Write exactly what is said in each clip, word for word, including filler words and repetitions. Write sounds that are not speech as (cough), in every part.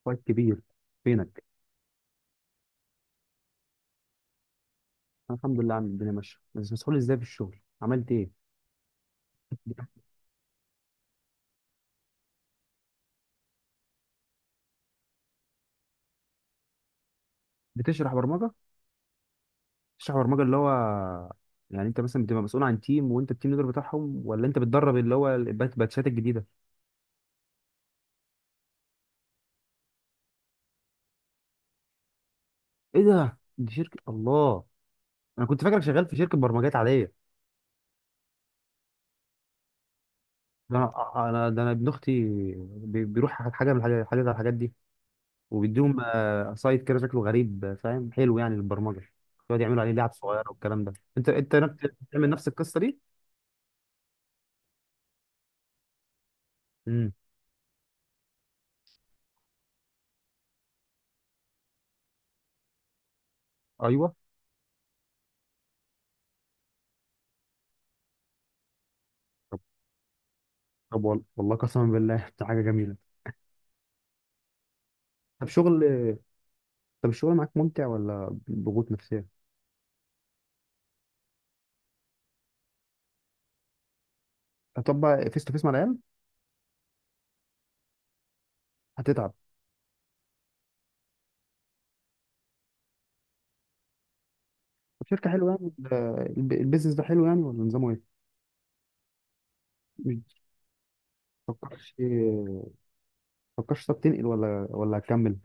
اخويا الكبير، فينك؟ أنا الحمد لله، عم الدنيا ماشيه. بس مسؤول ازاي في الشغل؟ عملت ايه؟ بتشرح برمجه؟ بتشرح برمجه، اللي هو يعني انت مثلا بتبقى مسؤول عن تيم وانت التيم ليدر بتاعهم، ولا انت بتدرب اللي هو البات- الباتشات الجديده؟ ايه ده؟ دي شركه، الله. انا كنت فاكرك شغال في شركه برمجات عاديه. ده انا، انا ده انا ابن اختي. بي- بيروح حاجه من الحاجات، حاجة من الحاجات دي. وبيديهم آه، سايت كده شكله غريب، آه، فاهم، حلو يعني للبرمجه. يقعد يعملوا عليه لعب صغيره والكلام ده. انت انت نفس- بتعمل نفس القصه دي؟ امم. ايوه. طب طب، وال- والله قسما بالله، (laughs) دي حاجه جميله. طب شغل. طب، الشغل معاك ممتع ولا ضغوط نفسيه؟ هتطبق فيس تو فيس مع العيال؟ هتتعب. طب، شركه حلوه يعني؟ ال- الب- البيزنس ده حلو يعني، ولا نظامه ايه؟ مش تفكرش تفكرش، طب تنقل ولا ولا هتكمل؟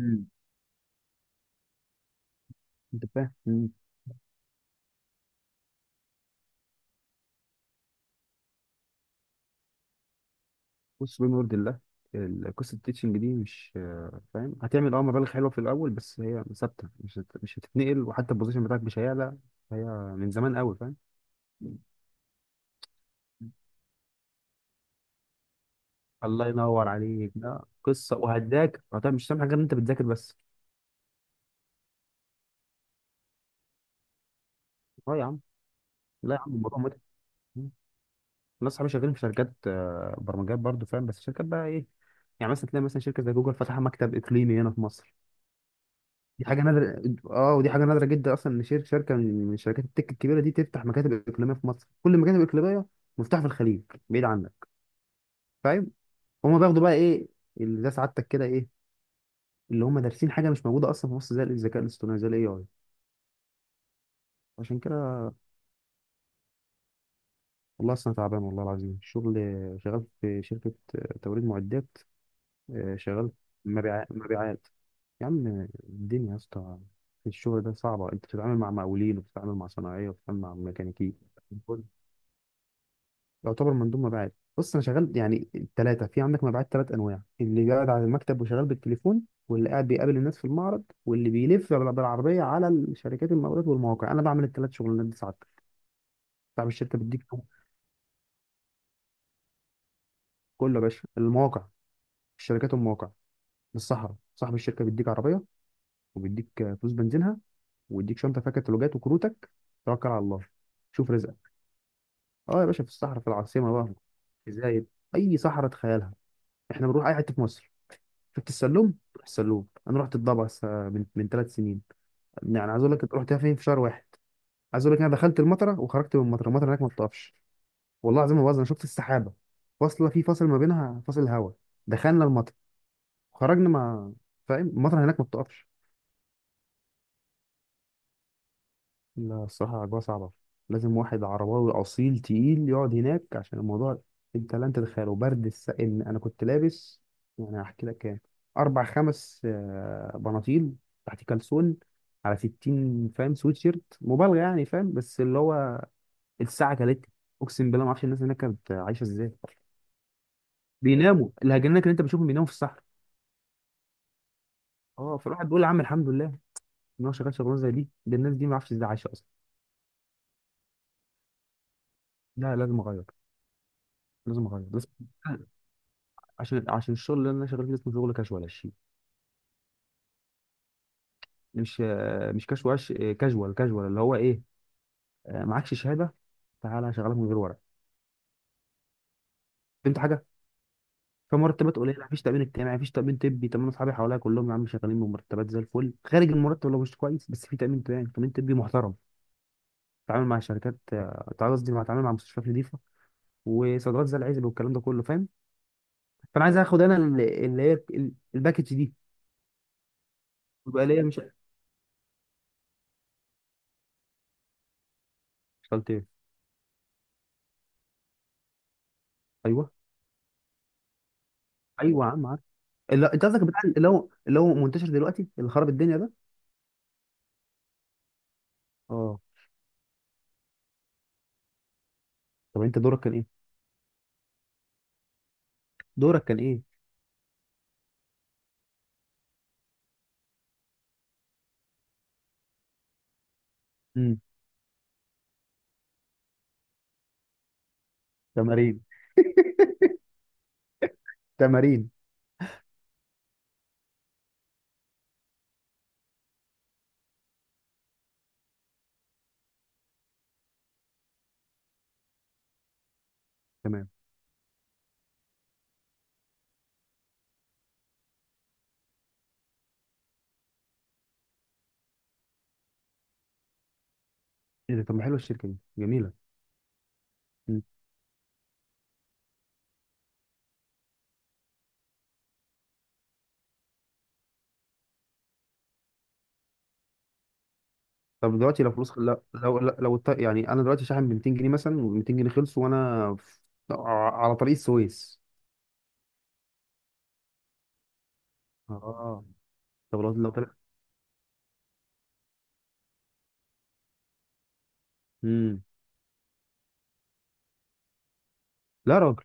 مم. انت فاهم. مم. بص، بما يرضي الله، ال- قصة التيتشنج دي، مش آه، فاهم، هتعمل اه، مبالغ حلوة في الأول، بس هي ثابتة، مش هت... مش هتتنقل، وحتى البوزيشن بتاعك مش هيعلى. هي من زمان قوي. فاهم. الله ينور عليك. لا، قصه وهتذاكر، هتعمل- مش هتعمل حاجه غير ان انت بتذاكر بس. اه يا عم. لا يا عم، الموضوع متعب. مم. ناس صحابي شغالين في شركات آه، برمجيات برضو، فاهم. بس شركات بقى ايه؟ يعني مثلا تلاقي مثلا شركه زي جوجل فاتحه مكتب اقليمي هنا في مصر. دي حاجه نادره. اه، ودي حاجه نادره جدا اصلا، ان شر- شركه من من شركات التك الكبيره دي تفتح مكاتب اقليميه في مصر. كل المكاتب الاقليميه مفتوحه في الخليج، بعيد عنك. فاهم. هما بياخدوا بقى ايه؟ اللي ده سعادتك كده ايه؟ اللي هم دارسين حاجه مش موجوده اصلا في مصر، زي الذكاء الاصطناعي، زي الاي اي. عشان كده. والله اصلا تعبان، والله العظيم الشغل. شغال في شركه توريد معدات. آه، شغال مبيعات، مبيعات. يا عم الدنيا يا اسطى، في الشغل ده صعبه، انت بتتعامل مع مقاولين وبتتعامل مع صناعيه وبتتعامل مع ميكانيكيين. يعتبر مندوب مبيعات. بص، انا شغال يعني الثلاثه. في عندك مبيعات ثلاث انواع: اللي قاعد على المكتب وشغال بالتليفون، واللي قاعد بيقابل الناس في المعرض، واللي بيلف بال- بالعربيه على الشركات المقاولات والمواقع. انا بعمل الثلاث شغلانات دي ساعات. صاحب الشركه بيديك كله يا باشا، المواقع، الشركات والمواقع، للصحراء. صاحب الشركه بيديك عربيه، وبيديك فلوس بنزينها، ويديك شنطه فيها كتالوجات وكروتك. توكل على الله، شوف رزقك. اه يا باشا، في الصحراء، في العاصمه بقى. ازاي؟ اي صحراء، تخيلها. احنا بنروح اي حته في مصر. شفت السلوم؟ روح السلوم. انا رحت الضبع س- من من تلات سنين. يعني عايز اقول لك، رحتها فين في شهر واحد؟ عايز اقول لك، انا دخلت المطره وخرجت من المطره. المطره هناك ما بتقفش. والله العظيم ما بهزر، انا شفت السحابه فاصله، في فاصل ما بينها، فاصل هواء. دخلنا المطر، خرجنا. ما فاهم؟ المطر هناك ما بتقفش. لا الصراحة، الأجواء صعبة. لازم واحد عرباوي أصيل تقيل يقعد هناك عشان الموضوع، أنت لن تتخيله. برد الس... إن أنا كنت لابس، يعني هحكي لك كام، أربع خمس آه، بناطيل، تحت كلسون، على ستين، فاهم، سويتشيرت، مبالغة يعني، فاهم، بس اللي هو الساعة كلت. أقسم بالله ما أعرفش الناس هناك كانت عايشة إزاي. بيناموا. الهجنات اللي أنت بتشوفهم بيناموا في الصحراء. أه، فالواحد بيقول يا عم الحمد لله إن هو شغال شغلانة زي دي. ده الناس دي ما أعرفش إزاي عايشة أصلا. لا، لازم أغير. لازم أغير، لازم. عشان عشان الشغل اللي انا شغال فيه اسمه شغل كاجوال الشيء. مش، آه، مش كاجوال. كاجوال، كاجوال اللي هو ايه، آه، معكش شهاده، تعالى هشغلك من غير ورق. فهمت حاجه؟ فمرتبات قليله، مفيش تامين اجتماعي، مفيش تامين طبي. طب انا اصحابي حواليا كلهم يا عم شغالين بمرتبات زي الفل، خارج المرتب لو مش كويس، بس في تامين اجتماعي، تامين طبي محترم. تعامل مع شركات، آه، تعال قصدي، مع تعامل مع مستشفيات نظيفه، وصيدلات زي العزب والكلام ده كله، فاهم. فانا عايز اخد انا ال- اللي هي ال- الباكج دي، يبقى ليا، مش. اشتغلت ايه؟ ايوه. ايوه يا عم. اللي انت قصدك بتاع، اللي هو اللي هو منتشر دلوقتي، اللي خرب الدنيا ده؟ اه. طب انت دورك كان ايه؟ دورك كان ايه؟ امم. تمارين؟ تمارين. تمام. ايه ده؟ طب ما حلوه الشركه دي، جميله. مم. طب دلوقتي، لو فلوس، لو لو, لو الط- يعني انا دلوقتي شاحن ب ميتين جنيه مثلا، و200 جنيه خلصوا، وانا في... على طريق السويس. اه، طب لو لو طلع. امم. لا يا راجل،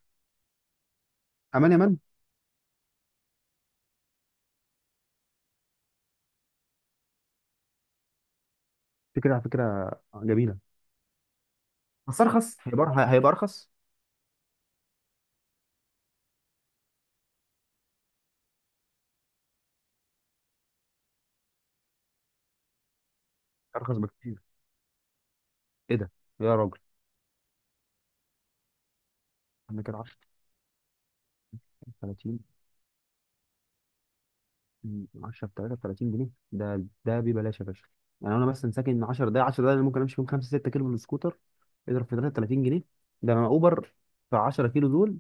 امان يا مان. فكره، على فكره، جميله. بس ارخص، هيبقى هيبقى ارخص. ارخص بكتير. ايه ده، يا راجل. انا كده عشرة. تلاتين. مم، عشرة ب تلاتة وتلاتين جنيه، ده ده ببلاش يا باشا. يعني انا مثلا ساكن 10 دقايق، 10 دقايق انا ممكن امشي فيهم خمسة 6 كيلو بالسكوتر. اضرب في تلاتة وتلاتين جنيه. ده انا، اوبر في 10 كيلو دول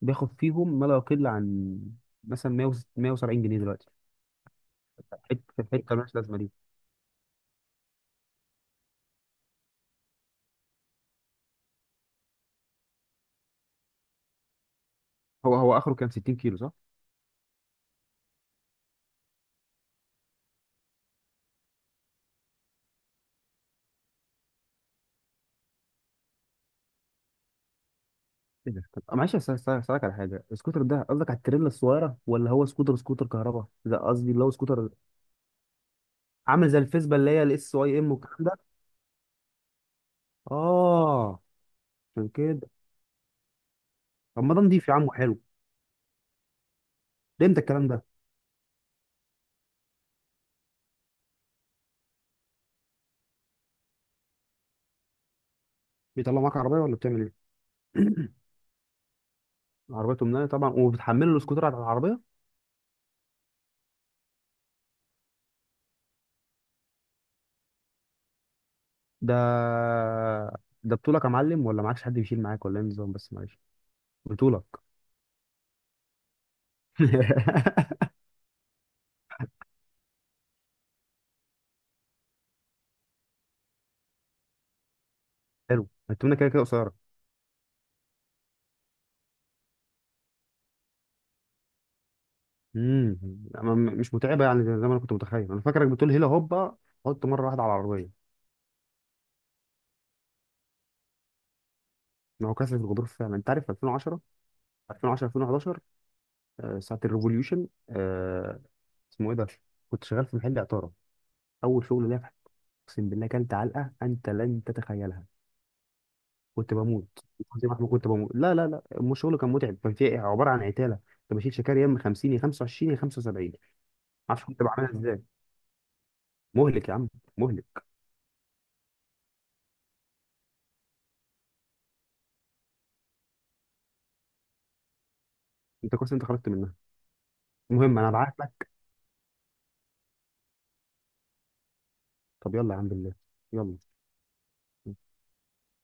بياخد فيهم ما لا يقل عن، مثلا ميه، ميه وسبعين جنيه دلوقتي. حته حته مالهاش لازمه دي. هو هو اخره كام، 60 كيلو صح؟ ايه ده. طب معلش، أس- أس- اسالك على حاجه. السكوتر ده قصدك على التريلا الصغيره، ولا هو سكوتر سكوتر كهرباء؟ لا قصدي، اللي هو سكوتر عامل زي الفيسبا، اللي هي الاس واي ام والكلام ده. اه. عشان كده. طب ما ده نضيف يا عم، وحلو. ليه انت الكلام ده؟ بيطلع معاك عربيه ولا بتعمل ايه؟ (clears throat) عربيه تمنيه طبعا، وبتحمله السكوتر على العربيه. ده ده بطولك يا معلم؟ ولا معكش حد يشيل معاك، ولا ايه النظام؟ بس معلش. بطولك. (laughs) حلو، التمنيه كده كده قصيره. امم. مش متعبه يعني، زي زي ما انا كنت متخيل. انا فاكرك بتقول هيلا هوبا، حط مره واحده على العربيه. ما هو كسر الغضروف فعلا. انت عارف الفين وعشرة، الفين وعشرة، الفين وحداشر، آه، ساعه الريفوليوشن، آه، اسمه ايه ده، كنت شغال في محل عطاره، اول شغل ليا. اقسم بالله كلت علقه انت لن تتخيلها. كنت بموت. زي ما احنا، كنت بموت. لا لا لا، مو شغل كان متعب، كان فيه عباره عن عتاله. كنت بشيل شكاري يا اما خمسين يا خمسة وعشرين يا خمسة وسبعين، ما اعرفش كنت بعملها ازاي. مهلك يا عم. مهلك. انت كويس، انت خرجت منها. المهم، انا بعت لك. طب يلا يا عم بالله. يلا.